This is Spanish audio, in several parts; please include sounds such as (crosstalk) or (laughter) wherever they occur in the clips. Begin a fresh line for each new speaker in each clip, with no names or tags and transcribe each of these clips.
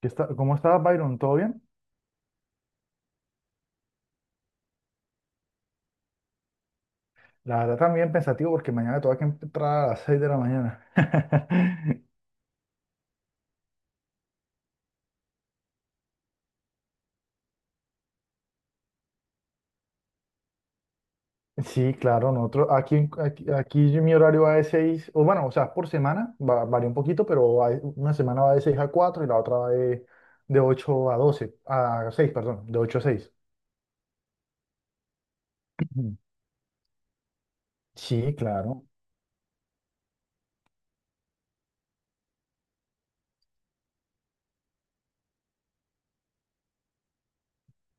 ¿Cómo estás, Byron? ¿Todo bien? La verdad también pensativo porque mañana tengo que entrar a las 6 de la mañana. (laughs) Sí, claro, nosotros aquí, aquí mi horario va de 6 o bueno, o sea, por semana, varía un poquito, pero una semana va de 6 a 4 y la otra va de 8 a 12 a seis, perdón, de 8 a seis. Ujú. Sí, claro.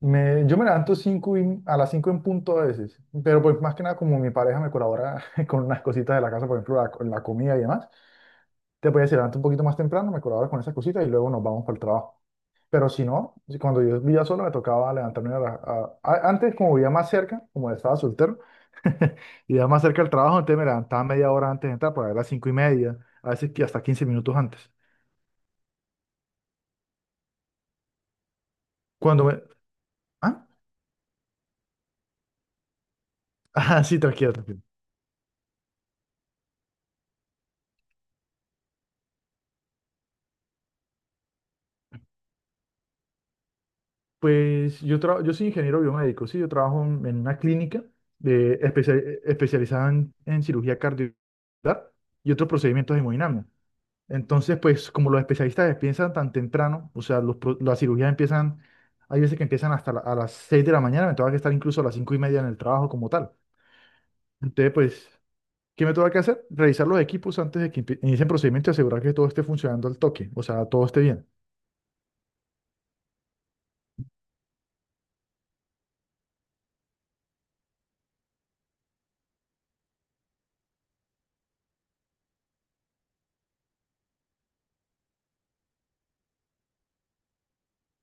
Yo me levanto a las 5 en punto a veces, pero pues más que nada como mi pareja me colabora (laughs) con unas cositas de la casa, por ejemplo, la comida y demás. Te podías levantar un poquito más temprano, me colabora con esas cositas y luego nos vamos para el trabajo. Pero si no, cuando yo vivía solo me tocaba levantarme a la- a- antes, como vivía más cerca, como estaba soltero, (laughs) vivía más cerca del trabajo, entonces me levantaba media hora antes de entrar, para las 5:30, a veces que hasta 15 minutos antes. Cuando me... ¿Ah? (laughs) Ah, sí, tranquilo, tranquilo. Pues yo soy ingeniero biomédico, sí, yo trabajo en una clínica de especia- especializada en cirugía cardiovascular y otros procedimientos hemodinámicos. Entonces, pues como los especialistas empiezan tan temprano, o sea, las cirugías empiezan, hay veces que empiezan hasta a las 6 de la mañana, me tengo que estar incluso a las 5:30 en el trabajo como tal. Entonces, pues, ¿qué me tengo que hacer? Revisar los equipos antes de que inicien procedimiento y asegurar que todo esté funcionando al toque, o sea, todo esté bien.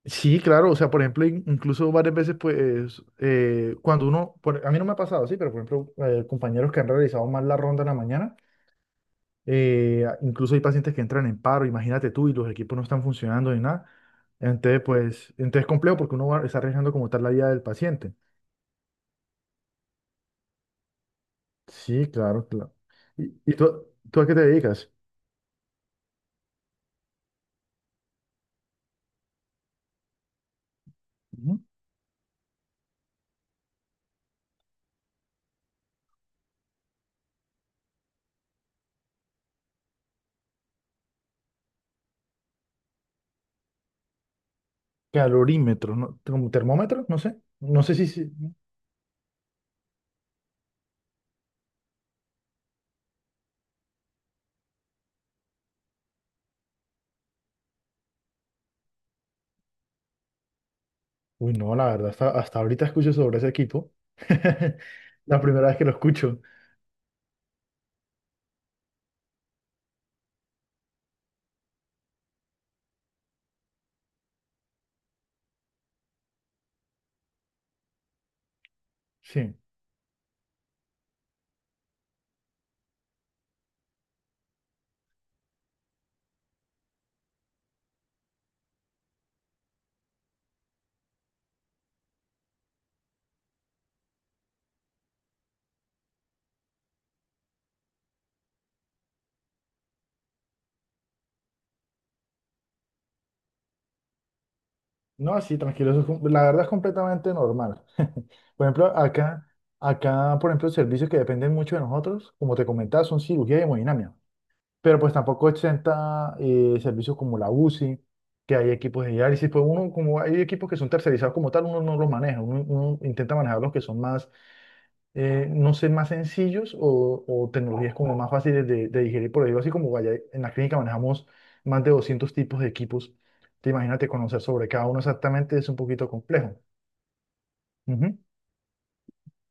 Sí, claro, o sea, por ejemplo, incluso varias veces, pues, cuando uno, a mí no me ha pasado, sí, pero por ejemplo, compañeros que han realizado mal la ronda en la mañana. Incluso hay pacientes que entran en paro, imagínate tú, y los equipos no están funcionando ni nada. Entonces, pues, entonces es complejo porque uno va, está arriesgando como tal la vida del paciente. Sí, claro, claro. ¿Y tú a qué te dedicas? Ujú. Calorímetro, ¿no? ¿Como termómetro? No sé. No sé. Uy, no, la verdad, hasta ahorita escucho sobre ese equipo. (laughs) La primera vez que lo escucho. Sí. No, sí, tranquilo, eso es la verdad es completamente normal. (laughs) Por ejemplo, acá, por ejemplo, servicios que dependen mucho de nosotros, como te comentaba, son cirugía y hemodinámica, pero pues tampoco exenta servicios como la UCI, que hay equipos de diálisis, pues uno, como hay equipos que son tercerizados como tal, uno no los maneja, uno intenta manejar los que son más no sé, más sencillos o tecnologías como más fáciles de digerir. Por ejemplo, así como vaya, en la clínica manejamos más de 200 tipos de equipos. Te imagínate conocer sobre cada uno exactamente es un poquito complejo. Ujú.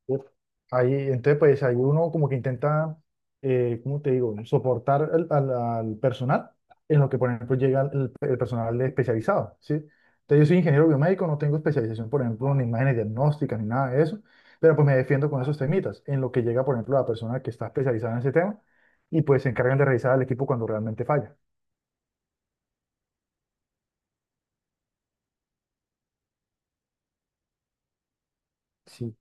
Uf. Ahí, entonces, pues ahí uno como que intenta, ¿cómo te digo?, soportar al personal en lo que, por ejemplo, llega el personal especializado, ¿sí? Entonces, yo soy ingeniero biomédico, no tengo especialización, por ejemplo, en imágenes diagnósticas ni nada de eso, pero pues me defiendo con esos temitas, en lo que llega, por ejemplo, la persona que está especializada en ese tema y pues se encargan de revisar al equipo cuando realmente falla. Sí,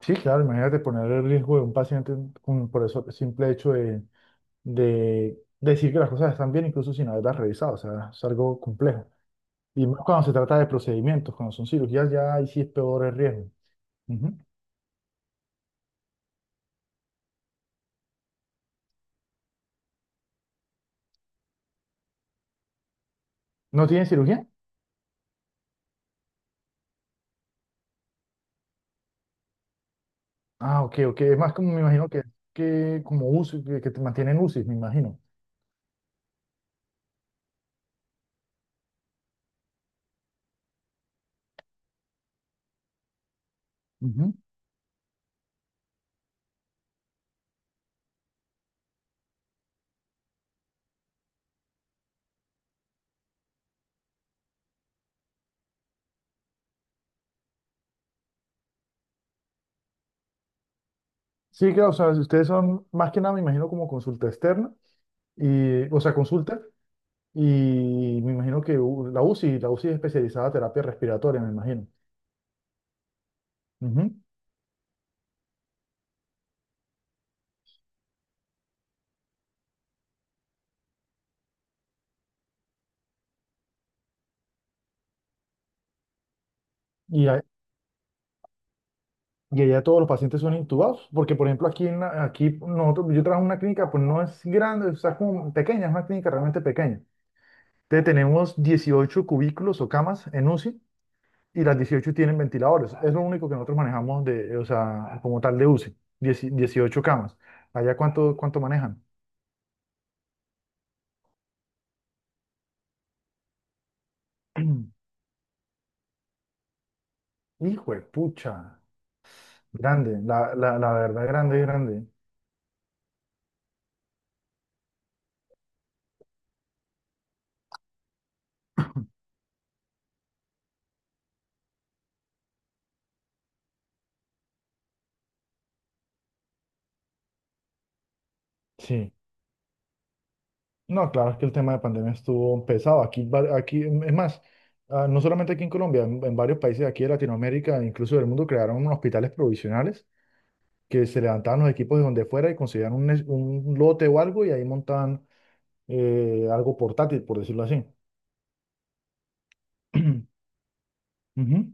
Sí, claro, imagínate poner el riesgo de un paciente por eso simple hecho de decir que las cosas están bien incluso sin haberlas revisado, o sea, es algo complejo. Y más cuando se trata de procedimientos, cuando son cirugías, ya ahí sí es peor el riesgo. Ujú. ¿No tienen cirugía? Ah, ok, ok, es más como me imagino que como UCI, que te mantienen UCI, me imagino. Ujú. Sí, claro, o sea, si ustedes son más que nada, me imagino, como consulta externa, y, o sea, consulta, y me imagino que la UCI es especializada en terapia respiratoria, me imagino. Ujú. Y, a- Y allá todos los pacientes son intubados, porque por ejemplo aquí, aquí nosotros, yo trabajo en una clínica, pues no es grande, o sea, es como pequeña, es una clínica realmente pequeña. Entonces tenemos 18 cubículos o camas en UCI y las 18 tienen ventiladores. Es lo único que nosotros manejamos de, o sea, como tal de UCI, 18 camas. ¿Allá cuánto manejan? (clears throat) Hijo de pucha, grande, la verdad, grande, grande. Sí. No, claro, es que el tema de pandemia estuvo pesado. Aquí, aquí, es más, ah, no solamente aquí en Colombia, en varios países de aquí de Latinoamérica, incluso del mundo, crearon unos hospitales provisionales que se levantaban los equipos de donde fuera y conseguían un lote o algo y ahí montaban algo portátil, por decirlo así. (clears throat) Ujú.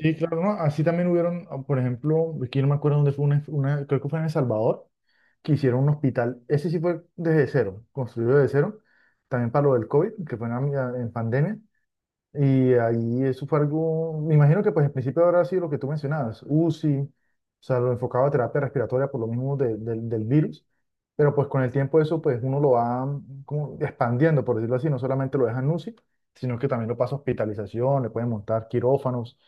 Sí, claro, ¿no? Así también hubieron, ah, por ejemplo, aquí no me acuerdo dónde fue, creo que fue en El Salvador, que hicieron un hospital, ese sí fue desde cero, construido desde cero, también para lo del COVID, que fue en pandemia. Y ahí eso fue algo, me imagino que pues en principio habrá sido lo que tú mencionabas, UCI, o sea, lo enfocado a terapia respiratoria por lo mismo del virus, pero pues con el tiempo eso pues uno lo va como expandiendo, por decirlo así, no solamente lo dejan UCI, sino que también lo pasa a hospitalización, le pueden montar quirófanos,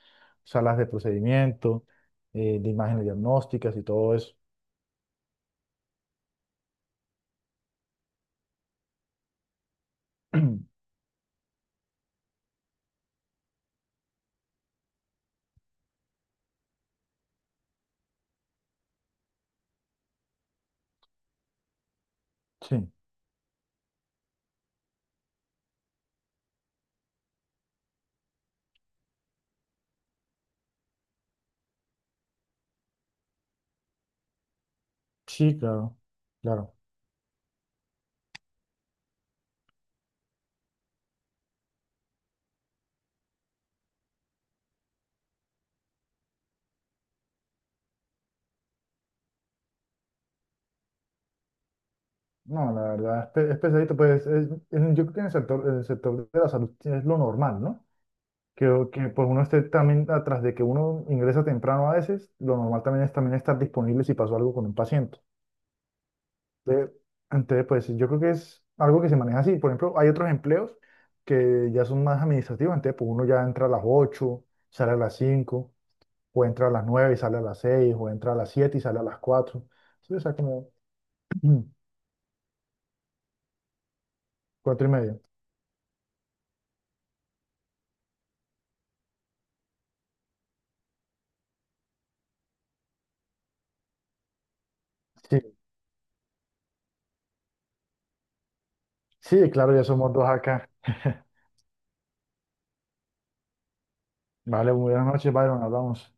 salas de procedimiento, de imágenes diagnósticas y todo eso. (clears throat) Sí, sí, claro, claro. No, la verdad es, es pesadito, pues yo creo que en el sector de la salud es lo normal, ¿no? Creo que pues uno esté también atrás de que uno ingresa temprano a veces, lo normal también es también estar disponible si pasó algo con un paciente. Entonces, entonces, pues yo creo que es algo que se maneja así. Por ejemplo, hay otros empleos que ya son más administrativos, entonces pues uno ya entra a las ocho, sale a las cinco, o entra a las 9 y sale a las seis, o entra a las 7 y sale a las cuatro. Sí, o sea, como (clears throat) 4 y media. Sí, sí, claro, ya somos dos acá. (laughs) Vale, buenas noches, Byron, hablamos.